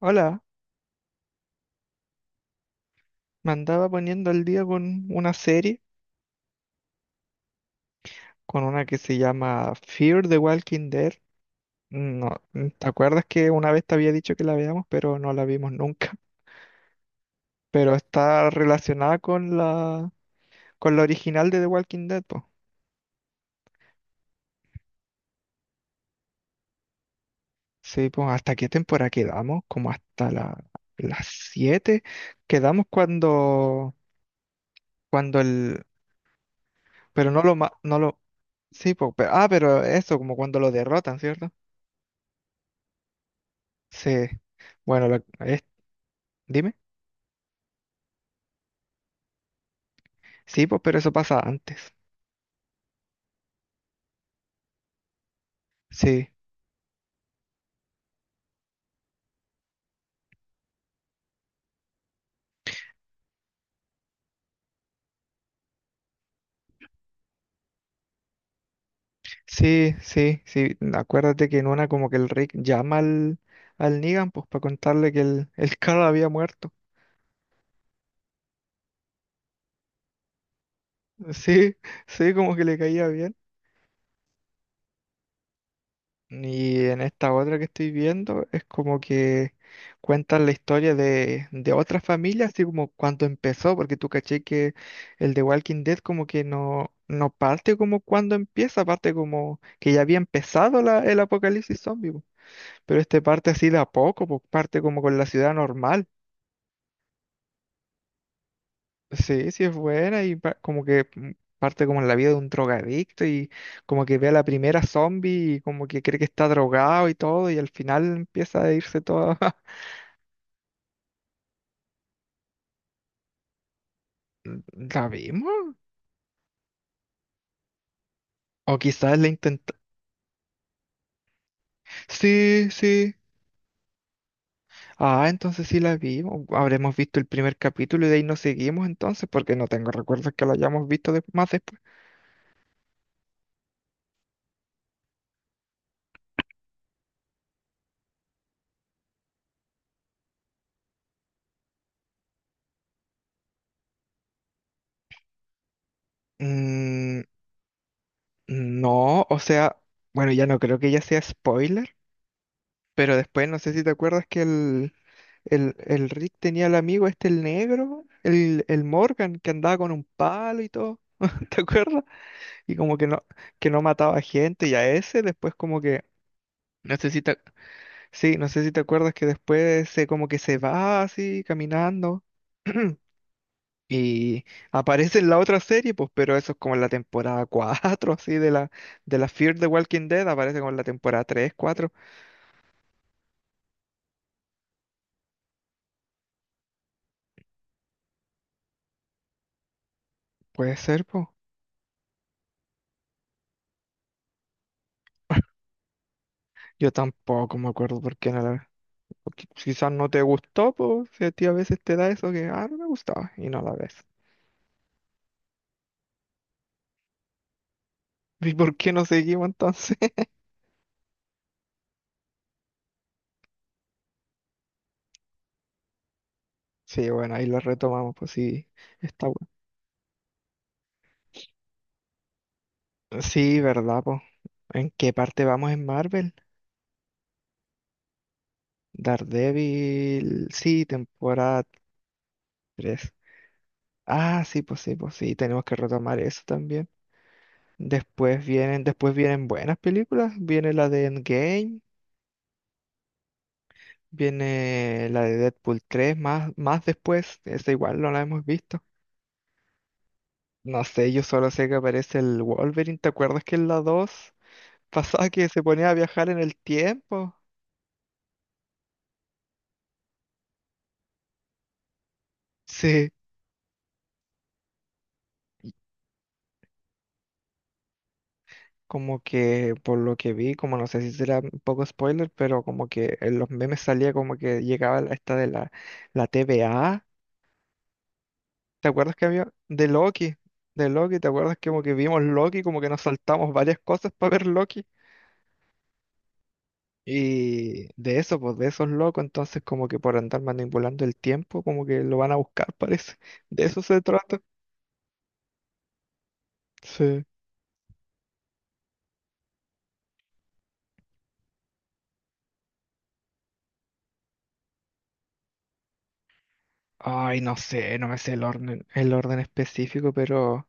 Hola, me andaba poniendo al día con una serie, con una que se llama Fear the Walking Dead. No, mm, ¿te acuerdas que una vez te había dicho que la veamos, pero no la vimos nunca? Pero está relacionada con la original de The Walking Dead, pues. Sí, pues, ¿hasta qué temporada quedamos? Las 7. Quedamos cuando, cuando el, pero no lo, no lo, sí, pues, pero- ah, pero eso, como cuando lo derrotan, ¿cierto? Sí. Bueno, dime. Sí, pues, pero eso pasa antes. Sí, sí, sí, sí. Acuérdate que en una como que el Rick llama al Negan, pues, para contarle que el Carl había muerto. Sí, sí, como que le caía bien. Y en esta otra que estoy viendo es como que cuentan la historia de otra familia, así como cuando empezó, porque tú caché que el de Walking Dead como que no, no parte como cuando empieza, parte como que ya había empezado el apocalipsis zombie pues. Pero este parte así de a poco, pues parte como con la ciudad normal. Sí, sí es buena y parte como en la vida de un drogadicto y como que ve a la primera zombie y como que cree que está drogado y todo y al final empieza a irse todo. ¿La vimos? O quizás la intentó. Sí, sí. Ah, entonces sí la vimos. Habremos visto el primer capítulo y de ahí nos seguimos entonces porque no tengo recuerdos que la hayamos visto más después. Mm, no, o sea, bueno, ya no creo que ya sea spoiler. Pero después, no sé si te acuerdas que el, el Rick tenía al amigo este, el negro, el Morgan, que andaba con un palo y todo. ¿Te acuerdas? Y como que no mataba gente y a ese después como que, no sé si te, sí, no sé si te acuerdas que después se como que se va así caminando y aparece en la otra serie, pues, pero eso es como en la temporada 4 así de la Fear the Walking Dead, aparece como en la temporada 3 cuatro. Puede ser, pues. Yo tampoco me acuerdo por qué no la porque quizás no te gustó, pues si a ti a veces te da eso que, ah, no me gustaba y no la ves. ¿Y por qué no seguimos entonces? Sí, bueno, ahí lo retomamos, pues sí, está bueno. Sí, ¿verdad, pues? ¿En qué parte vamos en Marvel? Daredevil, sí, temporada tres. Ah, sí, pues sí, pues sí, tenemos que retomar eso también. Después vienen buenas películas, viene la de Endgame. Viene la de Deadpool tres, más, más después, esa igual no la hemos visto. No sé, yo solo sé que aparece el Wolverine. ¿Te acuerdas que en la 2 pasaba que se ponía a viajar en el tiempo? Sí, y como que por lo que vi, como no sé si será un poco spoiler, pero como que en los memes salía como que llegaba la- esta de la, la TVA. ¿Te acuerdas que había de Loki? De Loki, ¿te acuerdas que como que vimos Loki, como que nos saltamos varias cosas para ver Loki? Y de eso, pues de esos locos, entonces como que por andar manipulando el tiempo, como que lo van a buscar, parece. De eso se trata. Sí. Ay, no sé, no me sé el orden específico, pero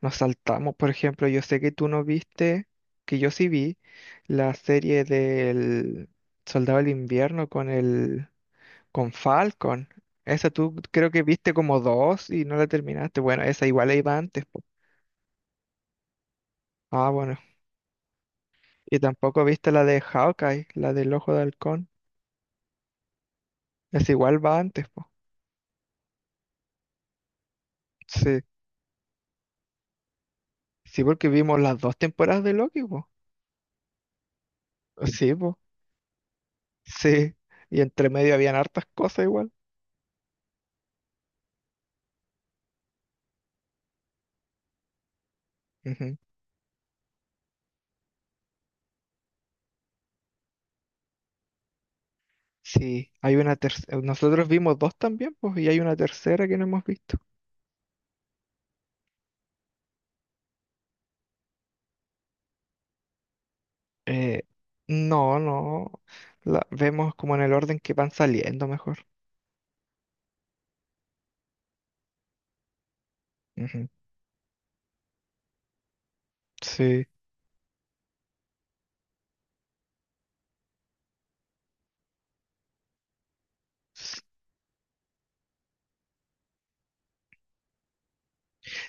nos saltamos. Por ejemplo, yo sé que tú no viste, que yo sí vi la serie del Soldado del Invierno con el, con Falcon. Esa tú creo que viste como dos y no la terminaste. Bueno, esa igual iba antes po. Ah, bueno, y tampoco viste la de Hawkeye, la del Ojo de Halcón. Es igual va antes, po. Sí. Sí, porque vimos las dos temporadas de Loki, po. Sí, po. Sí. Y entre medio habían hartas cosas igual. Ujú. Sí, hay una tercera. Nosotros vimos dos también, pues, y hay una tercera que no hemos visto. Eh, no, no. La vemos como en el orden que van saliendo mejor. Ujú. Sí.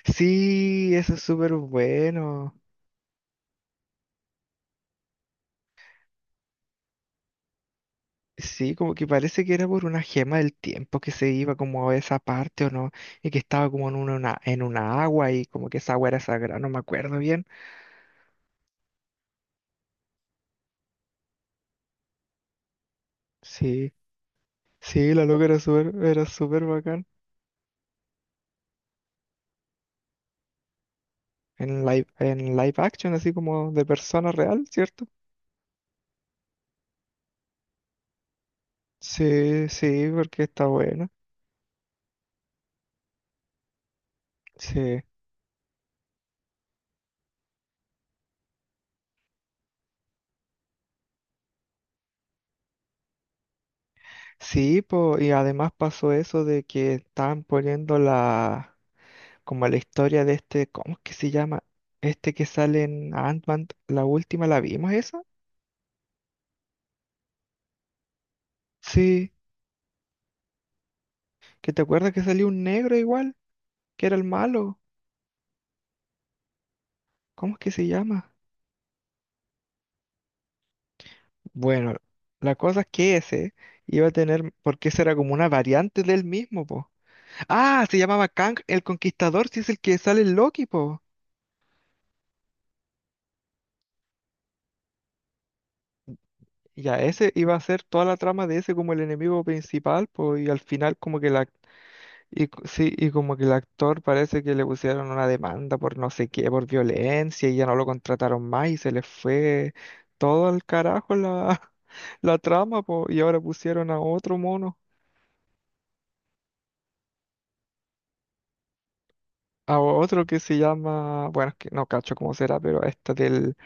Sí, eso es súper bueno. Sí, como que parece que era por una gema del tiempo que se iba como a esa parte o no, y que estaba como en en una agua y como que esa agua era sagrada, no me acuerdo bien. Sí, sí, la loca era súper bacán. En live action, así como de persona real, ¿cierto? Sí, sí, porque está buena. Sí, sí, po, y además pasó eso de que estaban poniendo como la historia de este, ¿cómo es que se llama? Este que sale en Ant-Man, la última, ¿la vimos esa? Sí, que te acuerdas que salió un negro igual, que era el malo. ¿Cómo es que se llama? Bueno, la cosa es que ese iba a tener, porque ese era como una variante del mismo, po. Ah, se llamaba Kang el Conquistador, si es el que sale en Loki, po. Ya, ese iba a ser toda la trama de ese como el enemigo principal, po, y al final como que la, y sí, y como que el actor parece que le pusieron una demanda por no sé qué, por violencia, y ya no lo contrataron más y se les fue todo al carajo la, la trama, po, y ahora pusieron a otro mono, a otro que se llama, bueno, es que no cacho cómo será, pero esta del,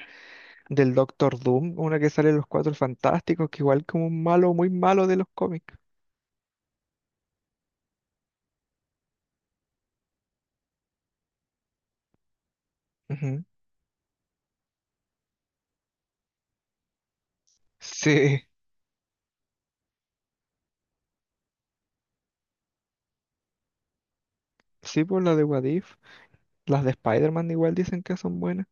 del Doctor Doom, una que sale en Los Cuatro Fantásticos, que igual como un malo, muy malo de los cómics. Ujú. Sí, sí, por la de What If, las de Spider-Man igual dicen que son buenas.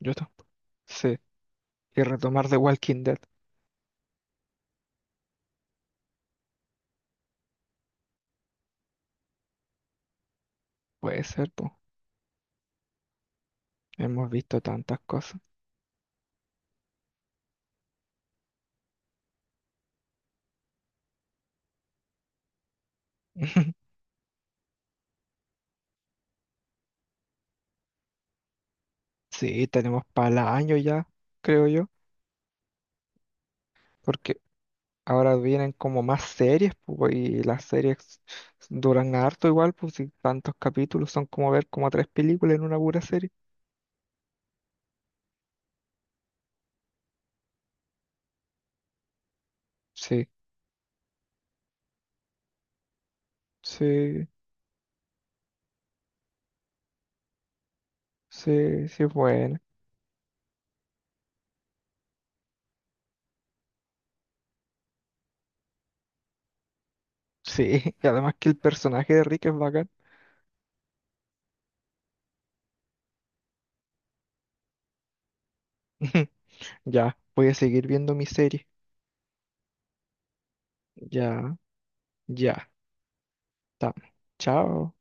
Yo tampoco. Sí, y retomar The Walking Dead. Puede ser, pues. Hemos visto tantas cosas. Sí, tenemos para año ya, creo yo, porque ahora vienen como más series, pues, y las series duran harto igual, pues, y tantos capítulos son como ver como tres películas en una pura serie. Sí, sí, sí, sí, es buena. Sí, y además que el personaje de Rick es bacán. Ya, voy a seguir viendo mi serie. Ya, ya, estamos. Chao.